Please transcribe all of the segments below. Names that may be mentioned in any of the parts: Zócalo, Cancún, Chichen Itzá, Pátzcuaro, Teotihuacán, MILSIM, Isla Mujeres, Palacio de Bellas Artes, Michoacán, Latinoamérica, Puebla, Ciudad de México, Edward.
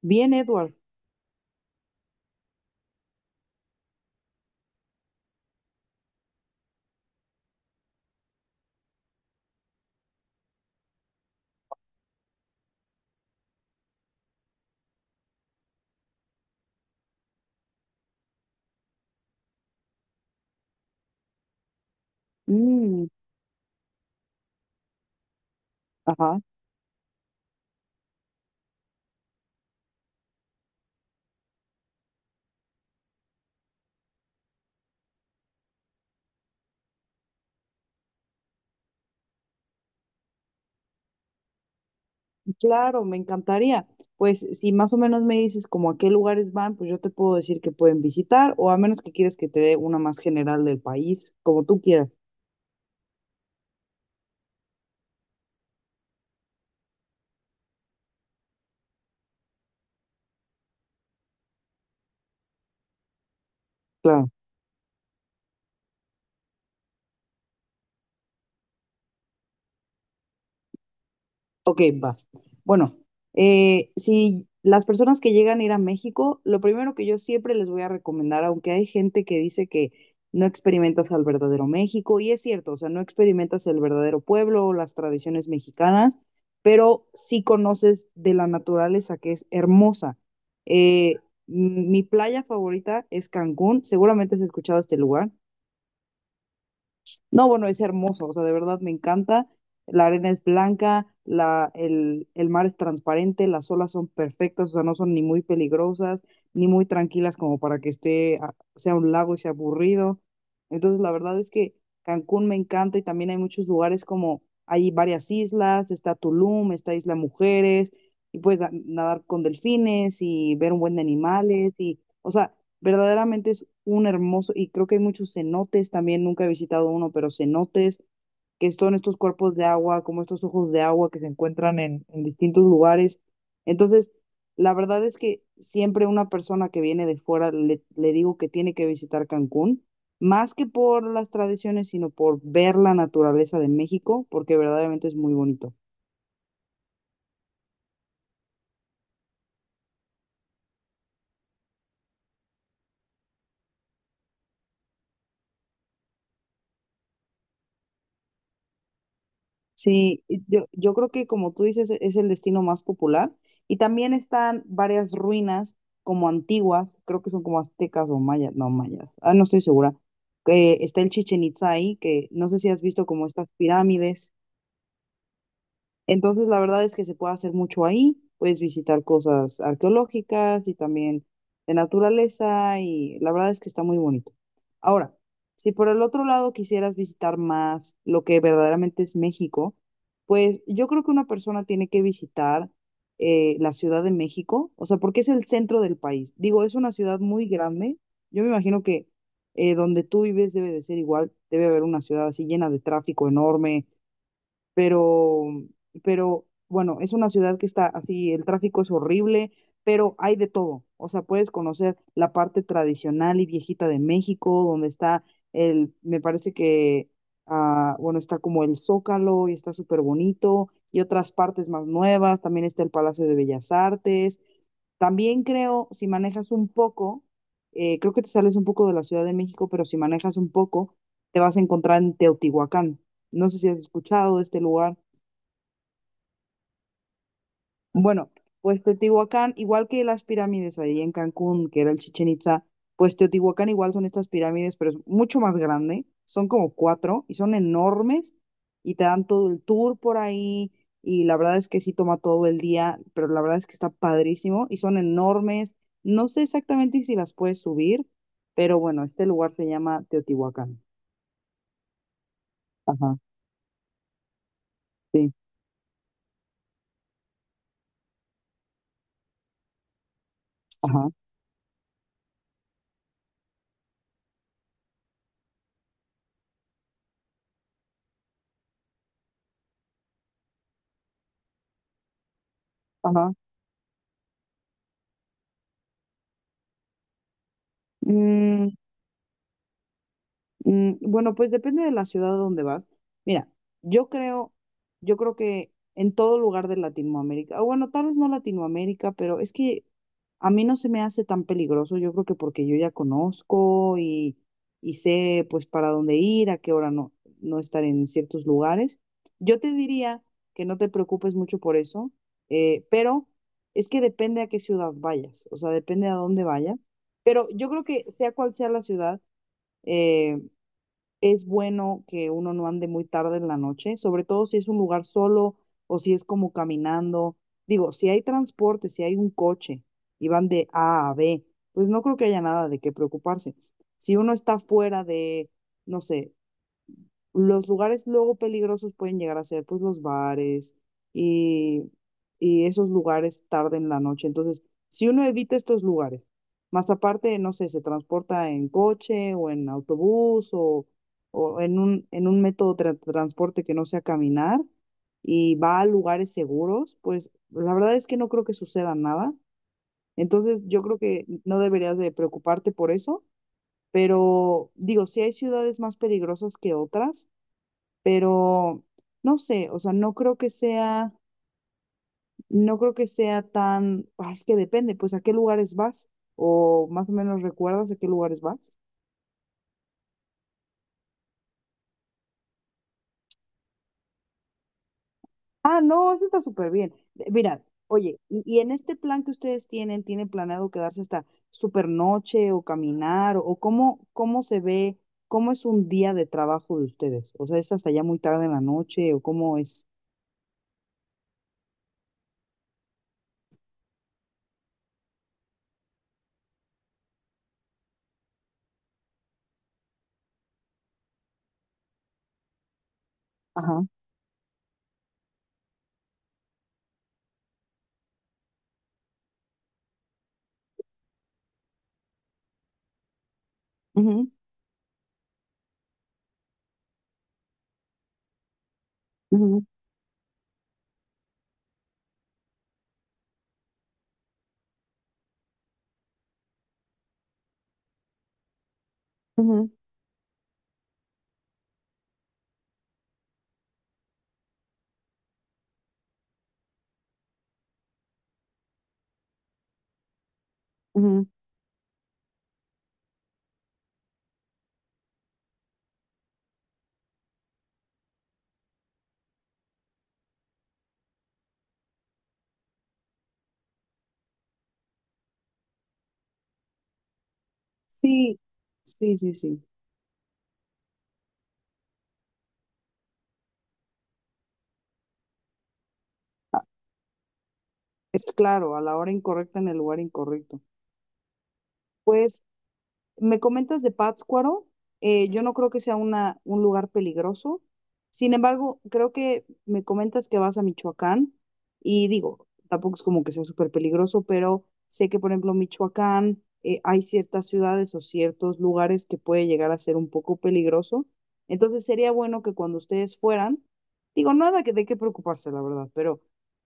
Bien, Edward. Mm, ajá. Claro, me encantaría. Pues si más o menos me dices como a qué lugares van, pues yo te puedo decir que pueden visitar, o a menos que quieres que te dé una más general del país, como tú quieras. Claro. Ok, va. Bueno, si las personas que llegan a ir a México, lo primero que yo siempre les voy a recomendar, aunque hay gente que dice que no experimentas al verdadero México, y es cierto, o sea, no experimentas el verdadero pueblo o las tradiciones mexicanas, pero sí conoces de la naturaleza que es hermosa. Eh, m- mi playa favorita es Cancún, seguramente has escuchado este lugar. No, bueno, es hermoso, o sea, de verdad me encanta. La arena es blanca, el mar es transparente, las olas son perfectas, o sea, no son ni muy peligrosas, ni muy tranquilas como para que sea un lago y sea aburrido. Entonces, la verdad es que Cancún me encanta y también hay muchos lugares como, hay varias islas, está Tulum, está Isla Mujeres, y puedes nadar con delfines y ver un buen de animales y, o sea, verdaderamente es un hermoso, y creo que hay muchos cenotes también, nunca he visitado uno, pero cenotes, que son estos cuerpos de agua, como estos ojos de agua que se encuentran en distintos lugares. Entonces, la verdad es que siempre una persona que viene de fuera le digo que tiene que visitar Cancún, más que por las tradiciones, sino por ver la naturaleza de México, porque verdaderamente es muy bonito. Sí, y yo creo que como tú dices, es el destino más popular. Y también están varias ruinas como antiguas, creo que son como aztecas o mayas, no mayas, no estoy segura. Que está el Chichen Itzá ahí, que no sé si has visto como estas pirámides. Entonces, la verdad es que se puede hacer mucho ahí, puedes visitar cosas arqueológicas y también de naturaleza y la verdad es que está muy bonito. Ahora, si por el otro lado quisieras visitar más lo que verdaderamente es México, pues yo creo que una persona tiene que visitar la Ciudad de México, o sea, porque es el centro del país. Digo, es una ciudad muy grande. Yo me imagino que donde tú vives debe de ser igual, debe haber una ciudad así llena de tráfico enorme, pero, pero bueno, es una ciudad que está así, el tráfico es horrible, pero hay de todo. O sea, puedes conocer la parte tradicional y viejita de México, donde está el, me parece que, bueno, está como el Zócalo y está súper bonito, y otras partes más nuevas, también está el Palacio de Bellas Artes, también creo, si manejas un poco, creo que te sales un poco de la Ciudad de México, pero si manejas un poco, te vas a encontrar en Teotihuacán. No sé si has escuchado de este lugar. Bueno, pues Teotihuacán, igual que las pirámides ahí en Cancún, que era el Chichen Itza, pues Teotihuacán igual son estas pirámides, pero es mucho más grande. Son como cuatro y son enormes y te dan todo el tour por ahí y la verdad es que sí toma todo el día, pero la verdad es que está padrísimo y son enormes. No sé exactamente si las puedes subir, pero bueno, este lugar se llama Teotihuacán. Ajá, sí, ajá, ajá. Mm, mm, bueno, pues depende de la ciudad a donde vas. Mira, yo creo, yo creo que en todo lugar de Latinoamérica, o bueno, tal vez no Latinoamérica, pero es que a mí no se me hace tan peligroso. Yo creo que porque yo ya conozco y sé pues para dónde ir, a qué hora no, no estar en ciertos lugares. Yo te diría que no te preocupes mucho por eso, pero es que depende a qué ciudad vayas, o sea, depende a dónde vayas. Pero yo creo que sea cual sea la ciudad, eh, es bueno que uno no ande muy tarde en la noche, sobre todo si es un lugar solo o si es como caminando. Digo, si hay transporte, si hay un coche y van de A a B, pues no creo que haya nada de qué preocuparse. Si uno está fuera de, no sé, los lugares luego peligrosos pueden llegar a ser pues los bares y, y esos lugares tarde en la noche. Entonces, si uno evita estos lugares, más aparte, no sé, se transporta en coche o en autobús o en un método de transporte que no sea caminar y va a lugares seguros, pues la verdad es que no creo que suceda nada. Entonces, yo creo que no deberías de preocuparte por eso, pero digo, si hay ciudades más peligrosas que otras, pero no sé, o sea, no creo que sea, no creo que sea tan, es que depende, pues a qué lugares vas o más o menos recuerdas a qué lugares vas. Ah, no, eso está súper bien. Mirad, oye, y en este plan que ustedes tienen, ¿tienen planeado quedarse hasta súper noche o caminar o cómo, cómo se ve, cómo es un día de trabajo de ustedes? O sea, ¿es hasta ya muy tarde en la noche o cómo es? Ajá. Ujú, ujú, ujú, ujú. Sí, sí, sí, sí. Es claro, a la hora incorrecta en el lugar incorrecto. Pues me comentas de Pátzcuaro, yo no creo que sea una, un lugar peligroso. Sin embargo, creo que me comentas que vas a Michoacán y digo, tampoco es como que sea súper peligroso, pero sé que, por ejemplo, Michoacán, hay ciertas ciudades o ciertos lugares que puede llegar a ser un poco peligroso. Entonces sería bueno que cuando ustedes fueran, digo, nada que, de qué preocuparse, la verdad,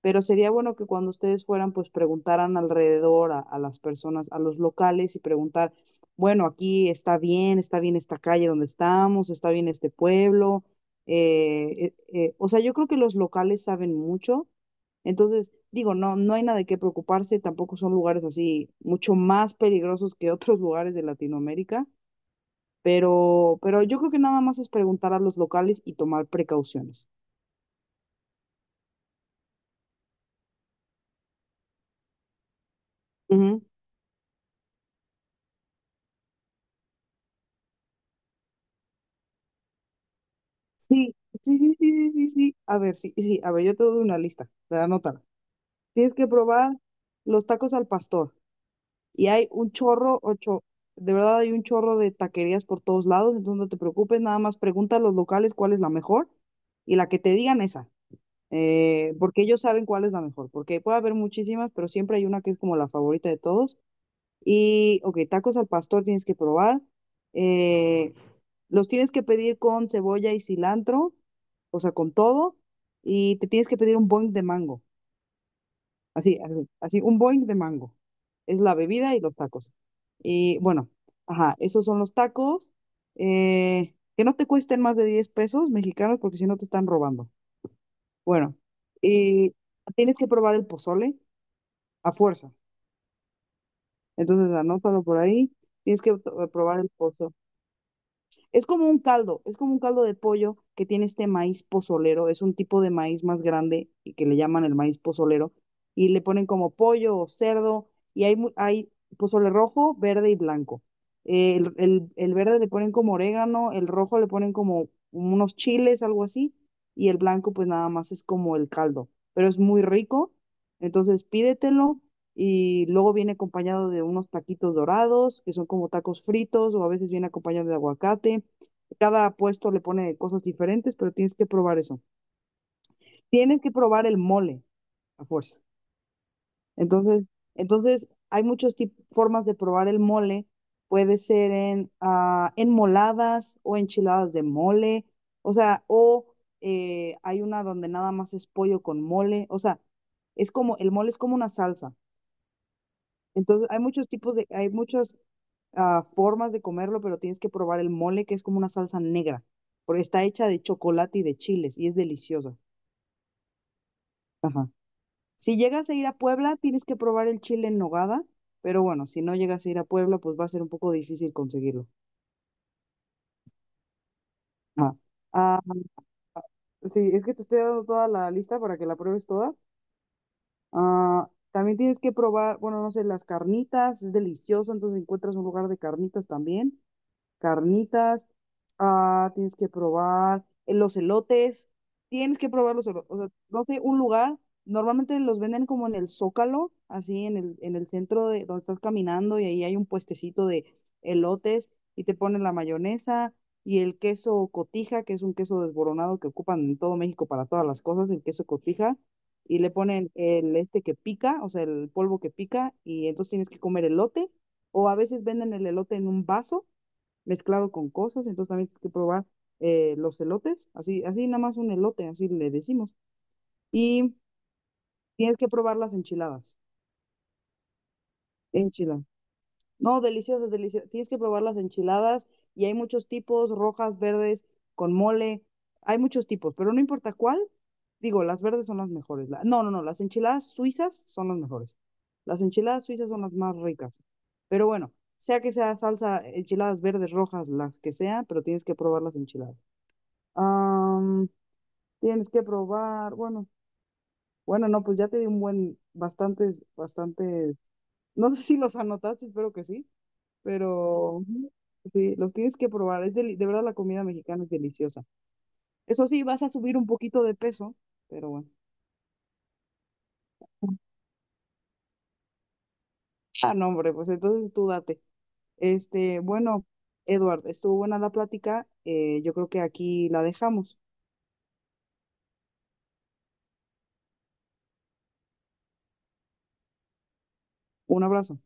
pero sería bueno que cuando ustedes fueran, pues preguntaran alrededor a las personas, a los locales y preguntar bueno, aquí está bien esta calle donde estamos, está bien este pueblo. O sea, yo creo que los locales saben mucho. Entonces, digo, no, no hay nada de qué preocuparse, tampoco son lugares así mucho más peligrosos que otros lugares de Latinoamérica, pero yo creo que nada más es preguntar a los locales y tomar precauciones. Ujú. Sí, sí, sí, sí, sí, sí, sí. A ver, sí, sí, a ver, yo te doy una lista, te anótala. Tienes que probar los tacos al pastor. Y hay un chorro, ocho, de verdad hay un chorro de taquerías por todos lados, entonces no te preocupes, nada más pregunta a los locales cuál es la mejor y la que te digan esa, porque ellos saben cuál es la mejor, porque puede haber muchísimas, pero siempre hay una que es como la favorita de todos. Y, ok, tacos al pastor tienes que probar, eh, los tienes que pedir con cebolla y cilantro, o sea, con todo, y te tienes que pedir un boing de mango. Así, así, así, un boing de mango. Es la bebida y los tacos. Y bueno, ajá, esos son los tacos. Que no te cuesten más de 10 pesos mexicanos porque si no te están robando. Bueno, y tienes que probar el pozole a fuerza. Entonces, anótalo por ahí. Tienes que probar el pozole. Es como un caldo, es como un caldo de pollo que tiene este maíz pozolero, es un tipo de maíz más grande y que le llaman el maíz pozolero y le ponen como pollo o cerdo y hay, hay pozole rojo, verde y blanco. El verde le ponen como orégano, el rojo le ponen como unos chiles, algo así, y el blanco pues nada más es como el caldo, pero es muy rico, entonces pídetelo y luego viene acompañado de unos taquitos dorados, que son como tacos fritos o a veces viene acompañado de aguacate. Cada puesto le pone cosas diferentes, pero tienes que probar eso. Tienes que probar el mole a fuerza. Entonces, entonces hay muchas formas de probar el mole. Puede ser en enmoladas o enchiladas de mole. O sea, o hay una donde nada más es pollo con mole. O sea, es como, el mole es como una salsa. Entonces, hay muchos tipos de, hay muchas formas de comerlo, pero tienes que probar el mole, que es como una salsa negra, porque está hecha de chocolate y de chiles y es deliciosa. Ajá. Si llegas a ir a Puebla, tienes que probar el chile en nogada, pero bueno, si no llegas a ir a Puebla, pues va a ser un poco difícil conseguirlo. Ajá. Ah, sí, es que te estoy dando toda la lista para que la pruebes toda. Ah, también tienes que probar, bueno, no sé, las carnitas, es delicioso, entonces encuentras un lugar de carnitas también. Carnitas, tienes que probar los elotes, tienes que probar los elotes, o sea, no sé, un lugar, normalmente los venden como en el Zócalo, así en el centro de donde estás caminando y ahí hay un puestecito de elotes y te ponen la mayonesa y el queso cotija, que es un queso desboronado que ocupan en todo México para todas las cosas, el queso cotija. Y le ponen el este que pica, o sea, el polvo que pica, y entonces tienes que comer elote, o a veces venden el elote en un vaso, mezclado con cosas, entonces también tienes que probar los elotes, así, así nada más un elote, así le decimos. Y tienes que probar las enchiladas, enchiladas. No, deliciosas, deliciosas. Tienes que probar las enchiladas y hay muchos tipos, rojas, verdes, con mole, hay muchos tipos, pero no importa cuál, digo, las verdes son las mejores. No, no, no, las enchiladas suizas son las mejores. Las enchiladas suizas son las más ricas. Pero bueno, sea que sea salsa, enchiladas verdes, rojas, las que sean, pero tienes que probar las enchiladas. Am, Tienes que probar, bueno, bueno, no, pues ya te di un buen, bastantes, bastantes, no sé si los anotaste, espero que sí, pero ujú, sí, los tienes que probar, es de verdad la comida mexicana es deliciosa. Eso sí, vas a subir un poquito de peso, pero bueno. Ah, no, hombre, pues entonces tú date. Este, bueno, Edward, estuvo buena la plática, yo creo que aquí la dejamos. Un abrazo.